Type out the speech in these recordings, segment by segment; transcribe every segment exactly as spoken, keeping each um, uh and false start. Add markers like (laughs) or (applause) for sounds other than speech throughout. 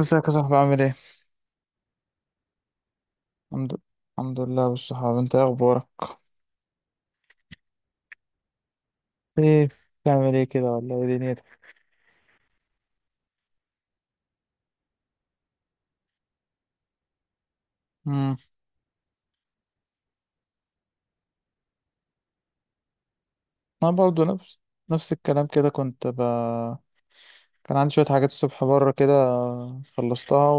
ازيك يا صاحبي؟ عامل ايه؟ الحمد الحمد لله بالصحاب. انت ايه اخبارك؟ ايه بتعمل ايه كده، ولا ايه دنيتك؟ امم انا برضه نفس نفس الكلام كده كنت ب... كان عندي شوية حاجات الصبح بره كده، خلصتها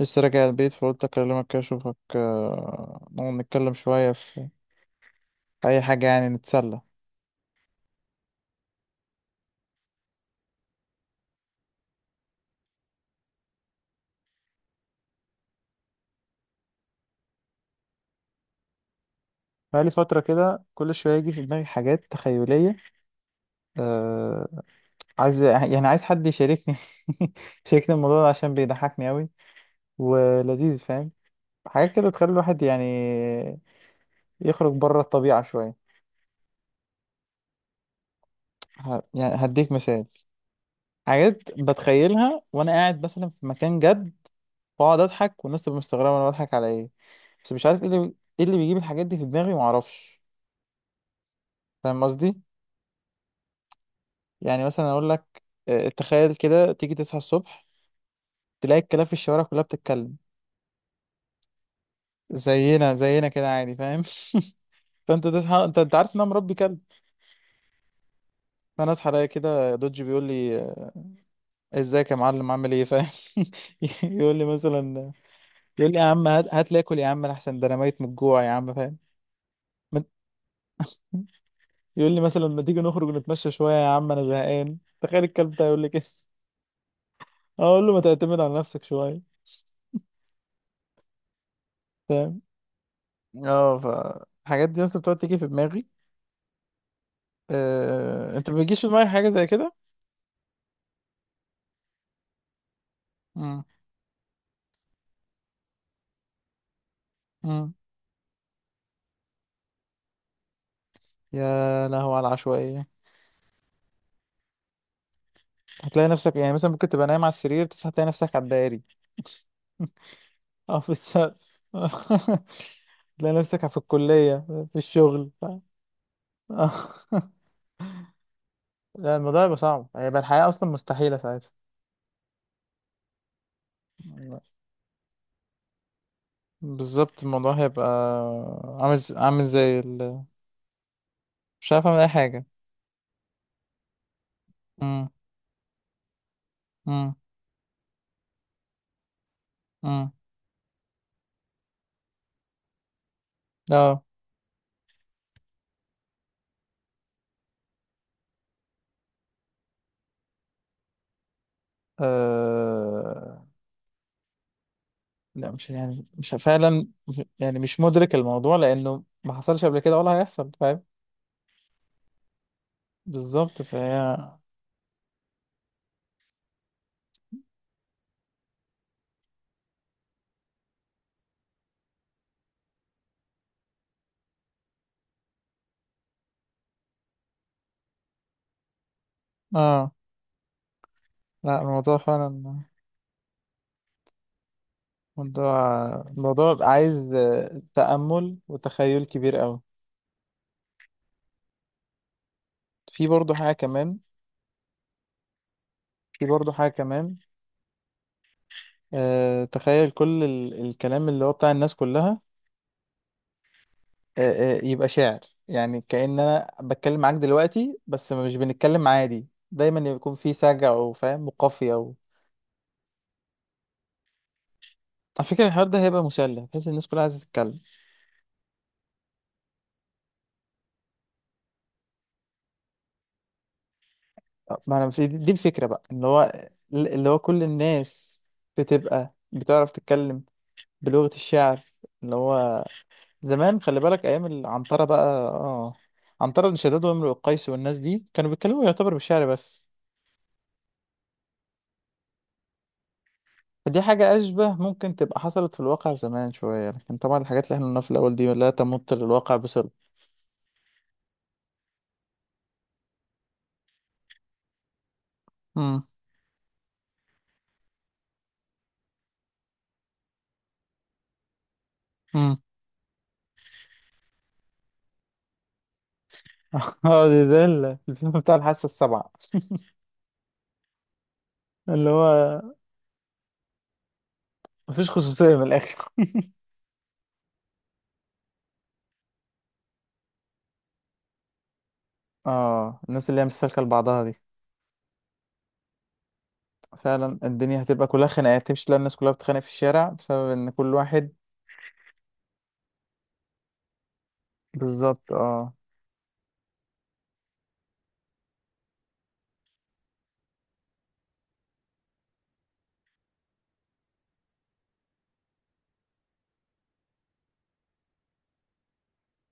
ولسه راجع البيت، فقلت اكلمك كده اشوفك، آه، نقعد نتكلم شوية في في اي حاجة، يعني نتسلى. بقالي فترة كده كل شوية يجي في دماغي حاجات تخيلية، أه... عايز، يعني عايز حد يشاركني، (laughs) يشاركني الموضوع ده عشان بيضحكني أوي ولذيذ، فاهم؟ حاجات كده تخلي الواحد يعني يخرج بره الطبيعة شوية. ه... يعني هديك مثال، حاجات بتخيلها وأنا قاعد مثلا في مكان جد، وأقعد أضحك والناس تبقى مستغربة أنا بضحك على إيه. بس مش عارف إيه اللي إيه اللي بيجيب الحاجات دي في دماغي، معرفش. فاهم قصدي؟ يعني مثلا أقول لك، آه، تخيل كده تيجي تصحى الصبح، تلاقي الكلاب في الشوارع كلها بتتكلم زينا زينا كده عادي، فاهم؟ (laughs) فانت تصحى، انت انت عارف ان انا مربي كلب، فانا اصحى الاقي كده دوج بيقول لي، آه، ازيك يا معلم، عامل ايه؟ فاهم. (laughs) يقول لي مثلا يقول لي يا عم هات هات لي اكل، يا عم احسن ده انا ميت من الجوع، يا عم، فاهم. ما- (laughs) يقول لي مثلا، ما تيجي نخرج نتمشى شويه يا عم، انا زهقان. تخيل الكلب ده يقول لي كده. (laughs) اقول له ما تعتمد على نفسك شويه، فاهم. اه ف الحاجات دي اصلا بتقعد تيجي في دماغي. آه... انت ما بيجيش في دماغك حاجه زي كده؟ امم امم يا لهو على العشوائيه. هتلاقي نفسك، يعني مثلا ممكن تبقى نايم على السرير تصحى تلاقي نفسك على الدائري. (laughs) اه، في السقف. (laughs) تلاقي نفسك في الكليه، في الشغل. ف... (laughs) لا، الموضوع هيبقى صعب، هيبقى الحياة أصلا مستحيلة ساعتها. لا. بالظبط، الموضوع هيبقى عامل ز- عامل زي ال... مش عارف أعمل أي حاجة. مم. مم. مم. لا. آه... لا، مش يعني مش فعلا، يعني مش مدرك الموضوع لأنه ما حصلش قبل كده ولا هيحصل، فاهم. بالظبط، فهي. اه، لا الموضوع فعلا، موضوع الموضوع عايز، آه، تأمل وتخيل كبير قوي. في برضه حاجة كمان في برضه حاجة كمان، آه، تخيل كل ال- الكلام اللي هو بتاع الناس كلها، آه، آه، يبقى شعر. يعني كأن انا بتكلم معاك دلوقتي، بس مش بنتكلم عادي، دايما يكون في سجع، او فاهم، وقافية او على فكرة. الحوار ده هيبقى مسلي بحيث الناس كلها عايزة تتكلم، ما انا في دي دي الفكرة بقى، اللي هو اللي هو كل الناس بتبقى بتعرف تتكلم بلغة الشعر، اللي هو زمان، خلي بالك، ايام العنترة بقى. اه، عنترة بن شداد وامرؤ القيس والناس دي كانوا بيتكلموا يعتبر بالشعر بس. دي حاجة أشبه ممكن تبقى حصلت في الواقع زمان شوية، لكن طبعا الحاجات اللي احنا قلناها في الأول دي لا تمت للواقع بصلة. مم. مم. (laughs) اه، دي زي ال- الفيلم بتاع الحاسة السابعة، اللي هو مفيش خصوصية من الآخر. اه، الناس اللي هي مستسلكة لبعضها دي، فعلا الدنيا هتبقى كلها خناقات، تمشي تلاقي الناس كلها بتتخانق في الشارع بسبب إن كل واحد، بالظبط. اه،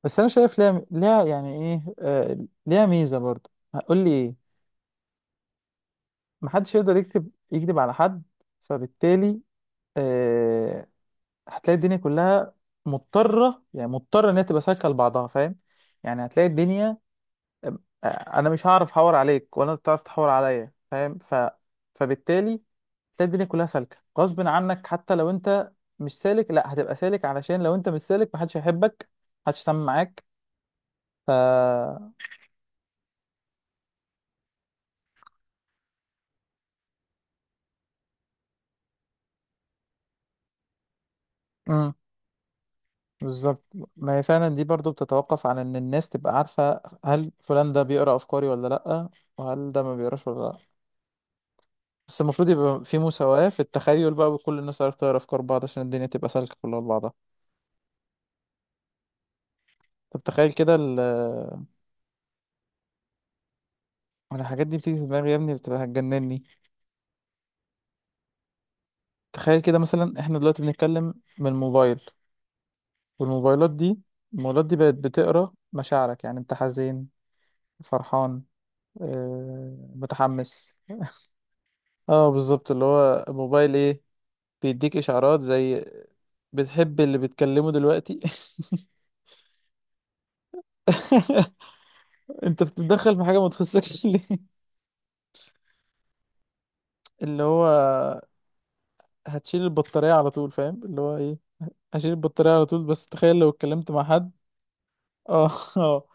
بس أنا شايف ليها ليها يعني إيه، آه ليها ميزة برضه، هقول لي إيه؟ محدش يقدر يكتب يكذب على حد، فبالتالي، آه، هتلاقي الدنيا كلها مضطرة يعني مضطرة إن هي تبقى سالكة لبعضها، فاهم. يعني هتلاقي الدنيا، أم- أنا مش هعرف أحور عليك، ولا أنت تعرف تحور عليا، فاهم. ف... فبالتالي تلاقي الدنيا كلها سالكة غصب عنك، حتى لو أنت مش سالك، لا هتبقى سالك، علشان لو أنت مش سالك محدش هيحبك، محدش هيتعامل معاك. ف امم بالظبط، ما هي فعلا دي برضو بتتوقف عن إن الناس تبقى عارفة هل فلان ده بيقرأ أفكاري ولا لأ، وهل ده ما بيقراش ولا لأ. بس المفروض يبقى في مساواة في التخيل بقى، وكل الناس عارفة تقرا أفكار بعض عشان الدنيا تبقى سالكة كلها لبعضها. طب تخيل كده ال أنا الحاجات دي بتيجي في دماغي يا ابني بتبقى هتجنني. تخيل كده مثلا، احنا دلوقتي بنتكلم من الموبايل، والموبايلات دي الموبايلات دي بقت بتقرا مشاعرك، يعني انت حزين، فرحان، آه، متحمس. (laughs) اه بالظبط، اللي هو الموبايل ايه، بيديك اشعارات زي بتحب اللي بتكلمه دلوقتي. (laughs) انت بتتدخل في حاجه ما تخصكش ليه؟ اللي هو هتشيل البطارية على طول، فاهم. اللي هو ايه، هشيل البطارية على طول. بس تخيل لو اتكلمت مع حد، اه (laughs) اه،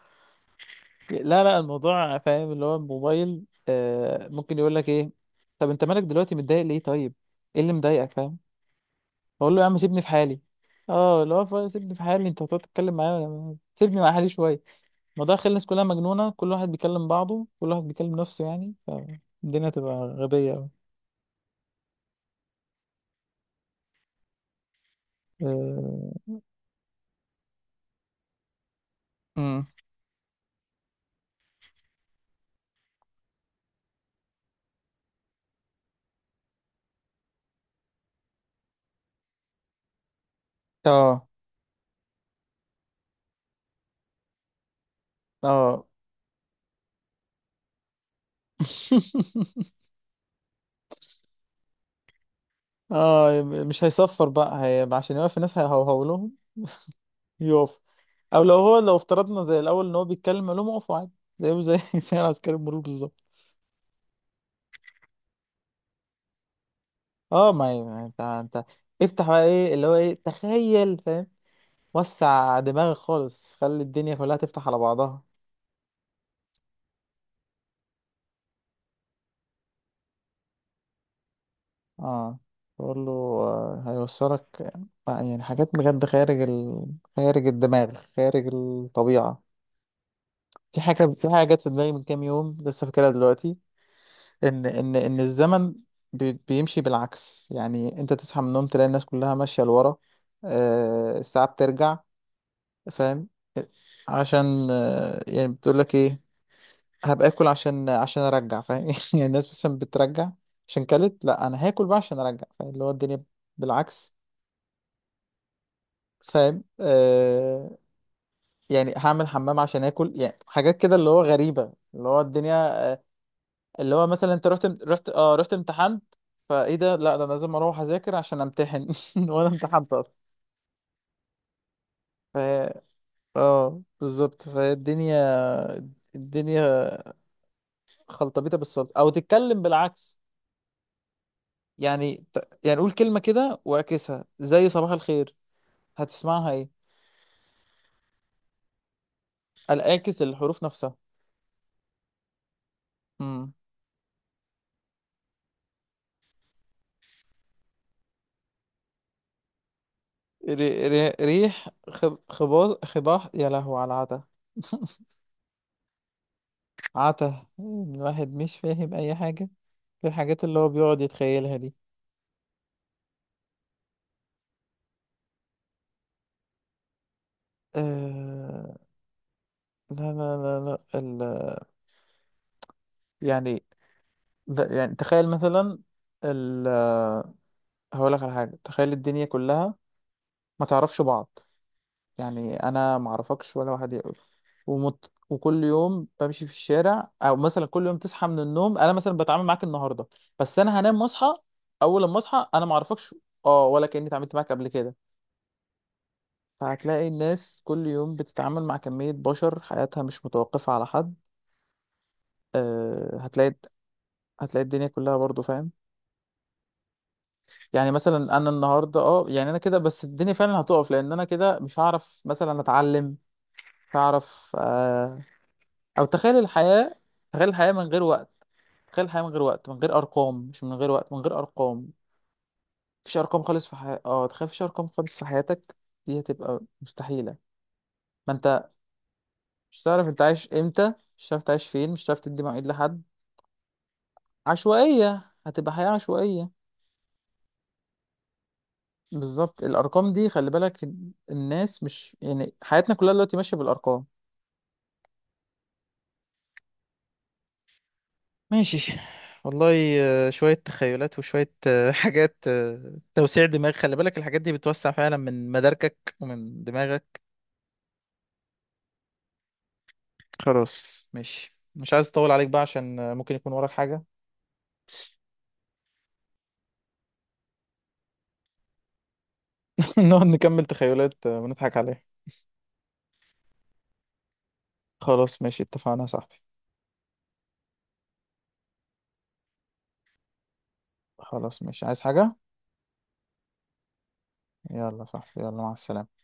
لا لا الموضوع فاهم، اللي هو الموبايل آه ممكن يقول لك ايه؟ طب انت مالك دلوقتي متضايق ليه؟ طيب ايه اللي مضايقك؟ فاهم. بقول له يا عم سيبني في حالي، اه اللي هو فا- سيبني في حالي، انت هتقعد تتكلم معايا ولا- سيبني مع حالي شوية. الموضوع خلى الناس كلها مجنونة، كل واحد بيكلم بعضه، كل واحد بيكلم نفسه، يعني فالدنيا تبقى غبية أوي. آه، امم اه اه (laughs) اه، مش هيصفر بقى، هيبقى عشان يوقف الناس هيهوهو لهم. يقف، او لو هو، لو افترضنا زي الاول ان هو بيتكلم، علوم، اقفوا عادي. زيه زي (laughs) زي عسكري المرور بالظبط. اه، ما هي ما انت انت افتح بقى ايه اللي هو ايه، تخيل، فاهم، وسع دماغك خالص، خلي الدنيا كلها تفتح على بعضها. اه، بقول له آه، هيوصلك، آه، يعني حاجات بجد خارج ال... خارج الدماغ، خارج الطبيعة. في حاجة، في حاجة جت في دماغي من كام يوم لسه فاكرها دلوقتي، ان ان ان الزمن بي- بيمشي بالعكس، يعني انت تصحى من النوم تلاقي الناس كلها ماشيه لورا. آه، الساعه بترجع، فاهم. عشان آه، يعني بتقول لك ايه، هبقى اكل عشان عشان ارجع، فاهم. (laughs) يعني الناس مثلا بترجع عشان كلت، لا انا هاكل بقى عشان ارجع، فاهم. اللي هو الدنيا بالعكس، فاهم. آه يعني هعمل حمام عشان اكل، يعني حاجات كده اللي هو غريبه، اللي هو الدنيا، اللي هو مثلا انت رحت رحت اه رحت امتحنت، فايه ده، لا ده انا لازم اروح اذاكر عشان امتحن، (laughs) وانا امتحنت اصلا. ف اه بالظبط، فالدنيا الدنيا خلطبيطه بالسلطه، او تتكلم بالعكس، يعني ت- يعني قول كلمه كده واعكسها، زي صباح الخير، هتسمعها ايه؟ الاعكس الحروف نفسها. امم ري... ري... ريح، خب... خباز، خباح. يا لهو على العتا، عتا الواحد مش فاهم اي حاجه في الحاجات اللي هو بيقعد يتخيلها دي. آه لا لا لا، لا ال... يعني ده، يعني تخيل مثلا ال... هقول لك على حاجة، تخيل الدنيا كلها ما تعرفش بعض. يعني انا ما اعرفكش ولا واحد يقول، ومت... وكل يوم بمشي في الشارع، او مثلا كل يوم تصحى من النوم، انا مثلا بتعامل معاك النهارده، بس انا هنام واصحى، اول لما اصحى انا ما اعرفكش. اه، ولا كاني اتعاملت معاك قبل كده. فهتلاقي الناس كل يوم بتتعامل مع كمية بشر، حياتها مش متوقفة على حد، آه، هتلاقي هتلاقي الدنيا كلها برضو، فاهم. يعني مثلا انا النهارده، اه يعني انا كده، بس الدنيا فعلا هتقف، لان انا كده مش هعرف مثلا اتعلم، مش هعرف. آه او تخيل الحياه، تخيل الحياه من غير وقت، تخيل الحياه من غير وقت من غير ارقام، مش من غير وقت، من غير ارقام. مفيش ارقام خالص في حياتك، اه تخيل مفيش ارقام خالص في حياتك، دي هتبقى مستحيله. ما انت مش هتعرف انت عايش امتى، مش هتعرف تعيش فين، مش هتعرف تدي مواعيد لحد. عشوائيه، هتبقى حياه عشوائيه. بالظبط الارقام دي، خلي بالك، الناس مش، يعني حياتنا كلها دلوقتي ماشيه بالارقام. ماشي، والله. آه، شويه تخيلات، وشويه آه، (laughs) حاجات، آه، توسيع دماغ. خلي بالك الحاجات دي بتوسع فعلا من مداركك ومن دماغك. خلاص ماشي، مش عايز اطول عليك بقى عشان آه، ممكن يكون وراك حاجه. (laughs) نقعد نكمل تخيلات آه، ونضحك عليها. خلاص ماشي، اتفقنا يا صاحبي. خلاص ماشي، عايز حاجه؟ يلا يا صاحبي، يلا مع السلامه.